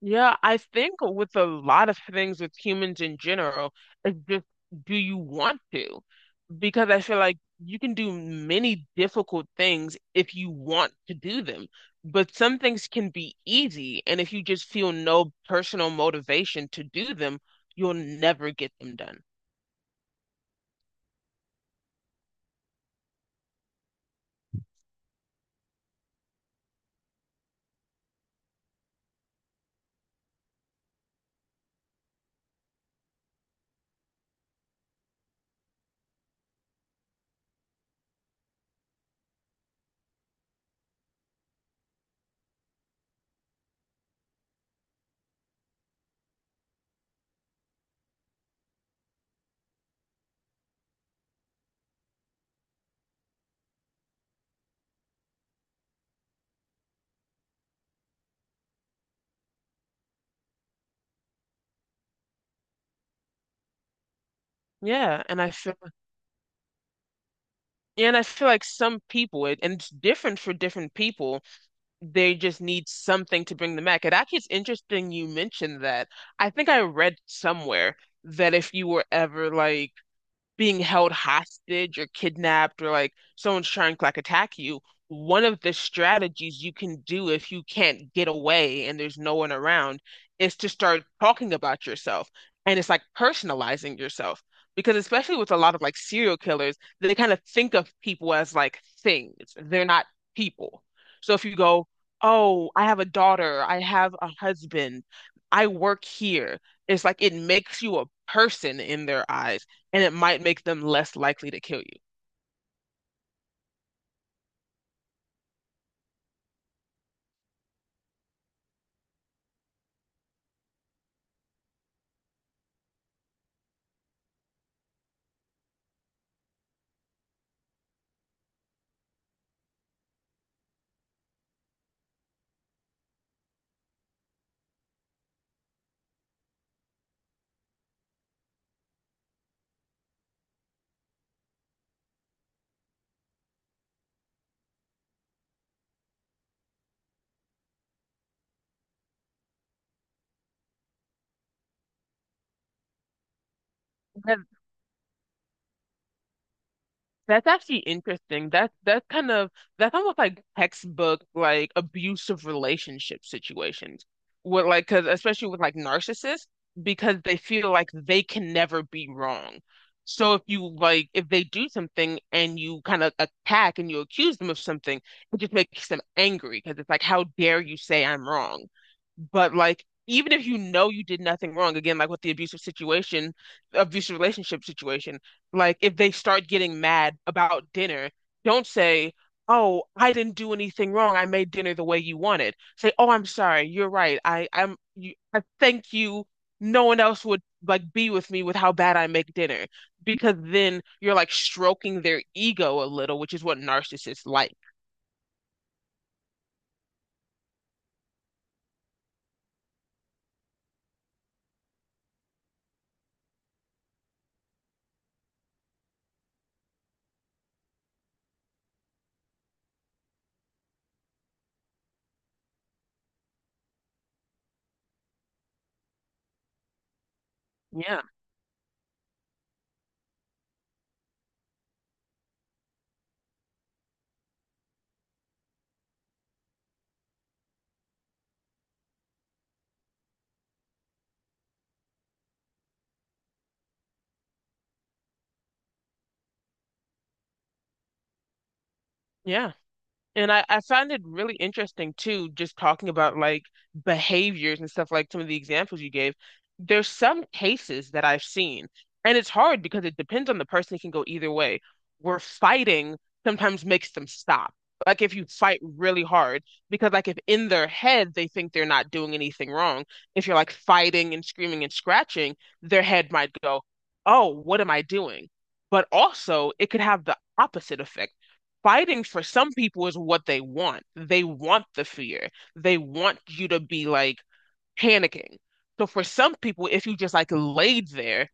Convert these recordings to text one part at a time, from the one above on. Yeah, I think with a lot of things with humans in general, it's just do you want to? Because I feel like you can do many difficult things if you want to do them. But some things can be easy, and if you just feel no personal motivation to do them, you'll never get them done. Yeah, and I feel yeah, and I feel like some people, and it's different for different people they just need something to bring them back. It actually is interesting you mentioned that. I think I read somewhere that if you were ever like being held hostage or kidnapped or like someone's trying to like attack you, one of the strategies you can do if you can't get away and there's no one around is to start talking about yourself. And it's like personalizing yourself. Because especially with a lot of like serial killers, they kind of think of people as like things. They're not people. So if you go, oh, I have a daughter, I have a husband, I work here, it's like it makes you a person in their eyes and it might make them less likely to kill you. That's actually interesting. That's kind of that's almost like textbook like abusive relationship situations. With like, cause especially with like narcissists, because they feel like they can never be wrong. So if you like, if they do something and you kind of attack and you accuse them of something, it just makes them angry because it's like, how dare you say I'm wrong? But like, even if you know you did nothing wrong, again, like with the abusive situation, abusive relationship situation like if they start getting mad about dinner, don't say, "Oh, I didn't do anything wrong. I made dinner the way you wanted." Say, "Oh, I'm sorry. You're right. I thank you. No one else would like be with me with how bad I make dinner." Because then you're like stroking their ego a little, which is what narcissists like. Yeah. Yeah. And I found it really interesting too, just talking about like behaviors and stuff like some of the examples you gave. There's some cases that I've seen, and it's hard because it depends on the person. It can go either way. Where fighting sometimes makes them stop. Like if you fight really hard, because like if in their head they think they're not doing anything wrong, if you're like fighting and screaming and scratching, their head might go, oh, what am I doing? But also it could have the opposite effect fighting for some people is what they want. They want the fear. They want you to be like panicking. So for some people, if you just like laid there,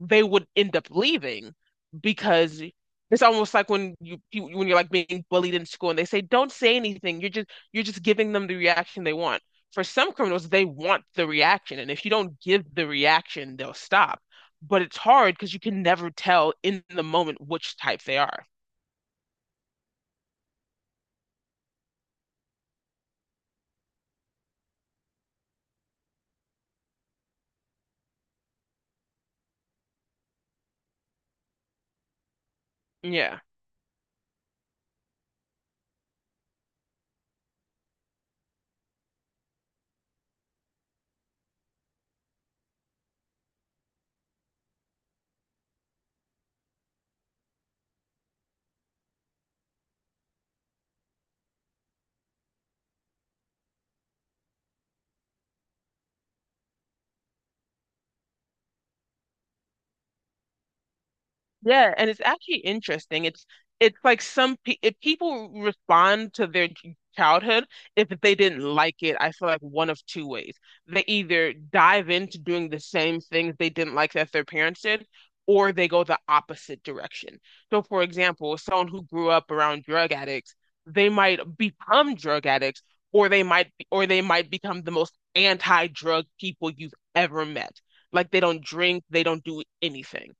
they would end up leaving because it's almost like when you when you're like being bullied in school and they say, don't say anything. You're just giving them the reaction they want. For some criminals, they want the reaction. And if you don't give the reaction, they'll stop. But it's hard because you can never tell in the moment which type they are. Yeah. Yeah, and it's actually interesting. It's like some pe if people respond to their childhood, if they didn't like it, I feel like one of two ways. They either dive into doing the same things they didn't like that their parents did, or they go the opposite direction. So, for example, someone who grew up around drug addicts, they might become drug addicts, or they might become the most anti-drug people you've ever met. Like they don't drink, they don't do anything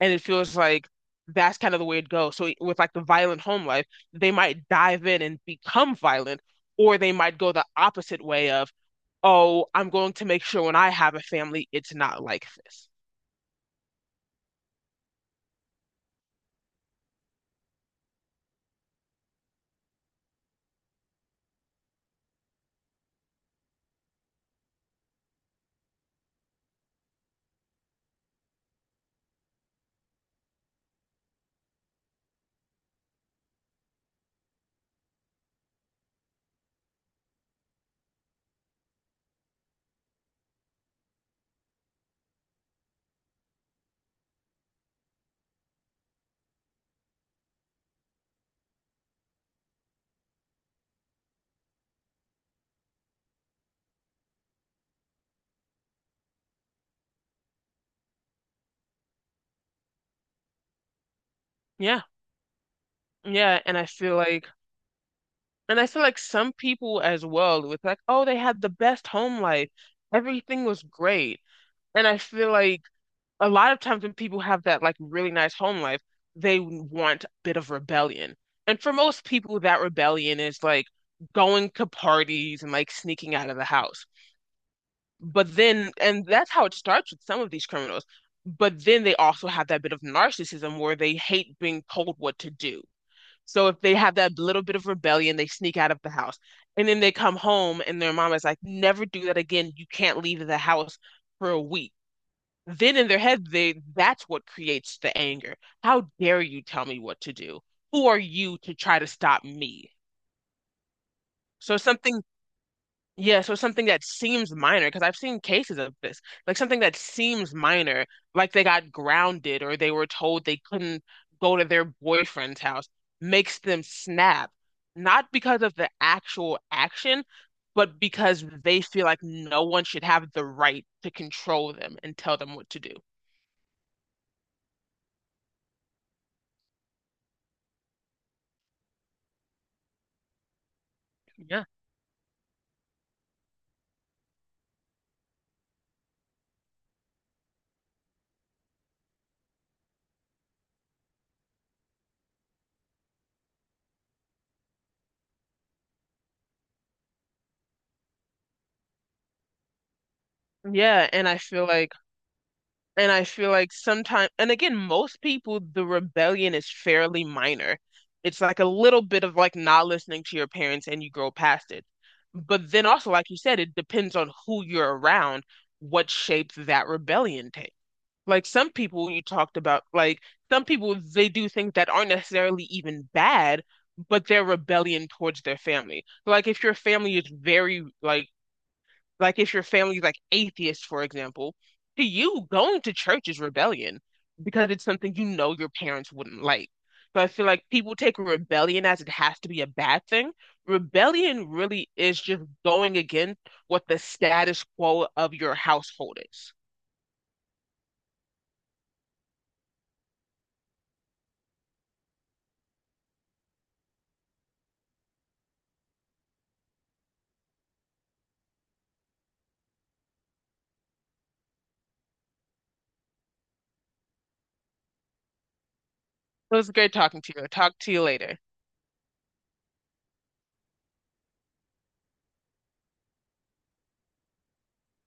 and it feels like that's kind of the way it goes. So e, with like the violent home life, they might dive in and become violent, or they might go the opposite way of, oh, I'm going to make sure when I have a family, it's not like this. Yeah, yeah, and I feel like some people as well with like, oh, they had the best home life, everything was great, and I feel like a lot of times when people have that like really nice home life, they want a bit of rebellion. And for most people, that rebellion is like going to parties and like sneaking out of the house. But then, and that's how it starts with some of these criminals. But then they also have that bit of narcissism where they hate being told what to do. So if they have that little bit of rebellion, they sneak out of the house. And then they come home and their mom is like, never do that again. You can't leave the house for a week then in their head they that's what creates the anger. How dare you tell me what to do? Who are you to try to stop me? So something Yeah, so something that seems minor because I've seen cases of this, like something that seems minor, like they got grounded or they were told they couldn't go to their boyfriend's house, makes them snap. Not because of the actual action, but because they feel like no one should have the right to control them and tell them what to do. Yeah. Yeah, and I feel like and I feel like sometimes and again most people the rebellion is fairly minor. It's like a little bit of like not listening to your parents and you grow past it. But then also like you said it depends on who you're around what shape that rebellion takes. Like some people you talked about like some people they do things that aren't necessarily even bad but they're rebellion towards their family. Like if your family is very like if your family's like atheist, for example, to you, going to church is rebellion because it's something you know your parents wouldn't like. So I feel like people take rebellion as it has to be a bad thing. Rebellion really is just going against what the status quo of your household is. So it was great talking to you. I'll talk to you later.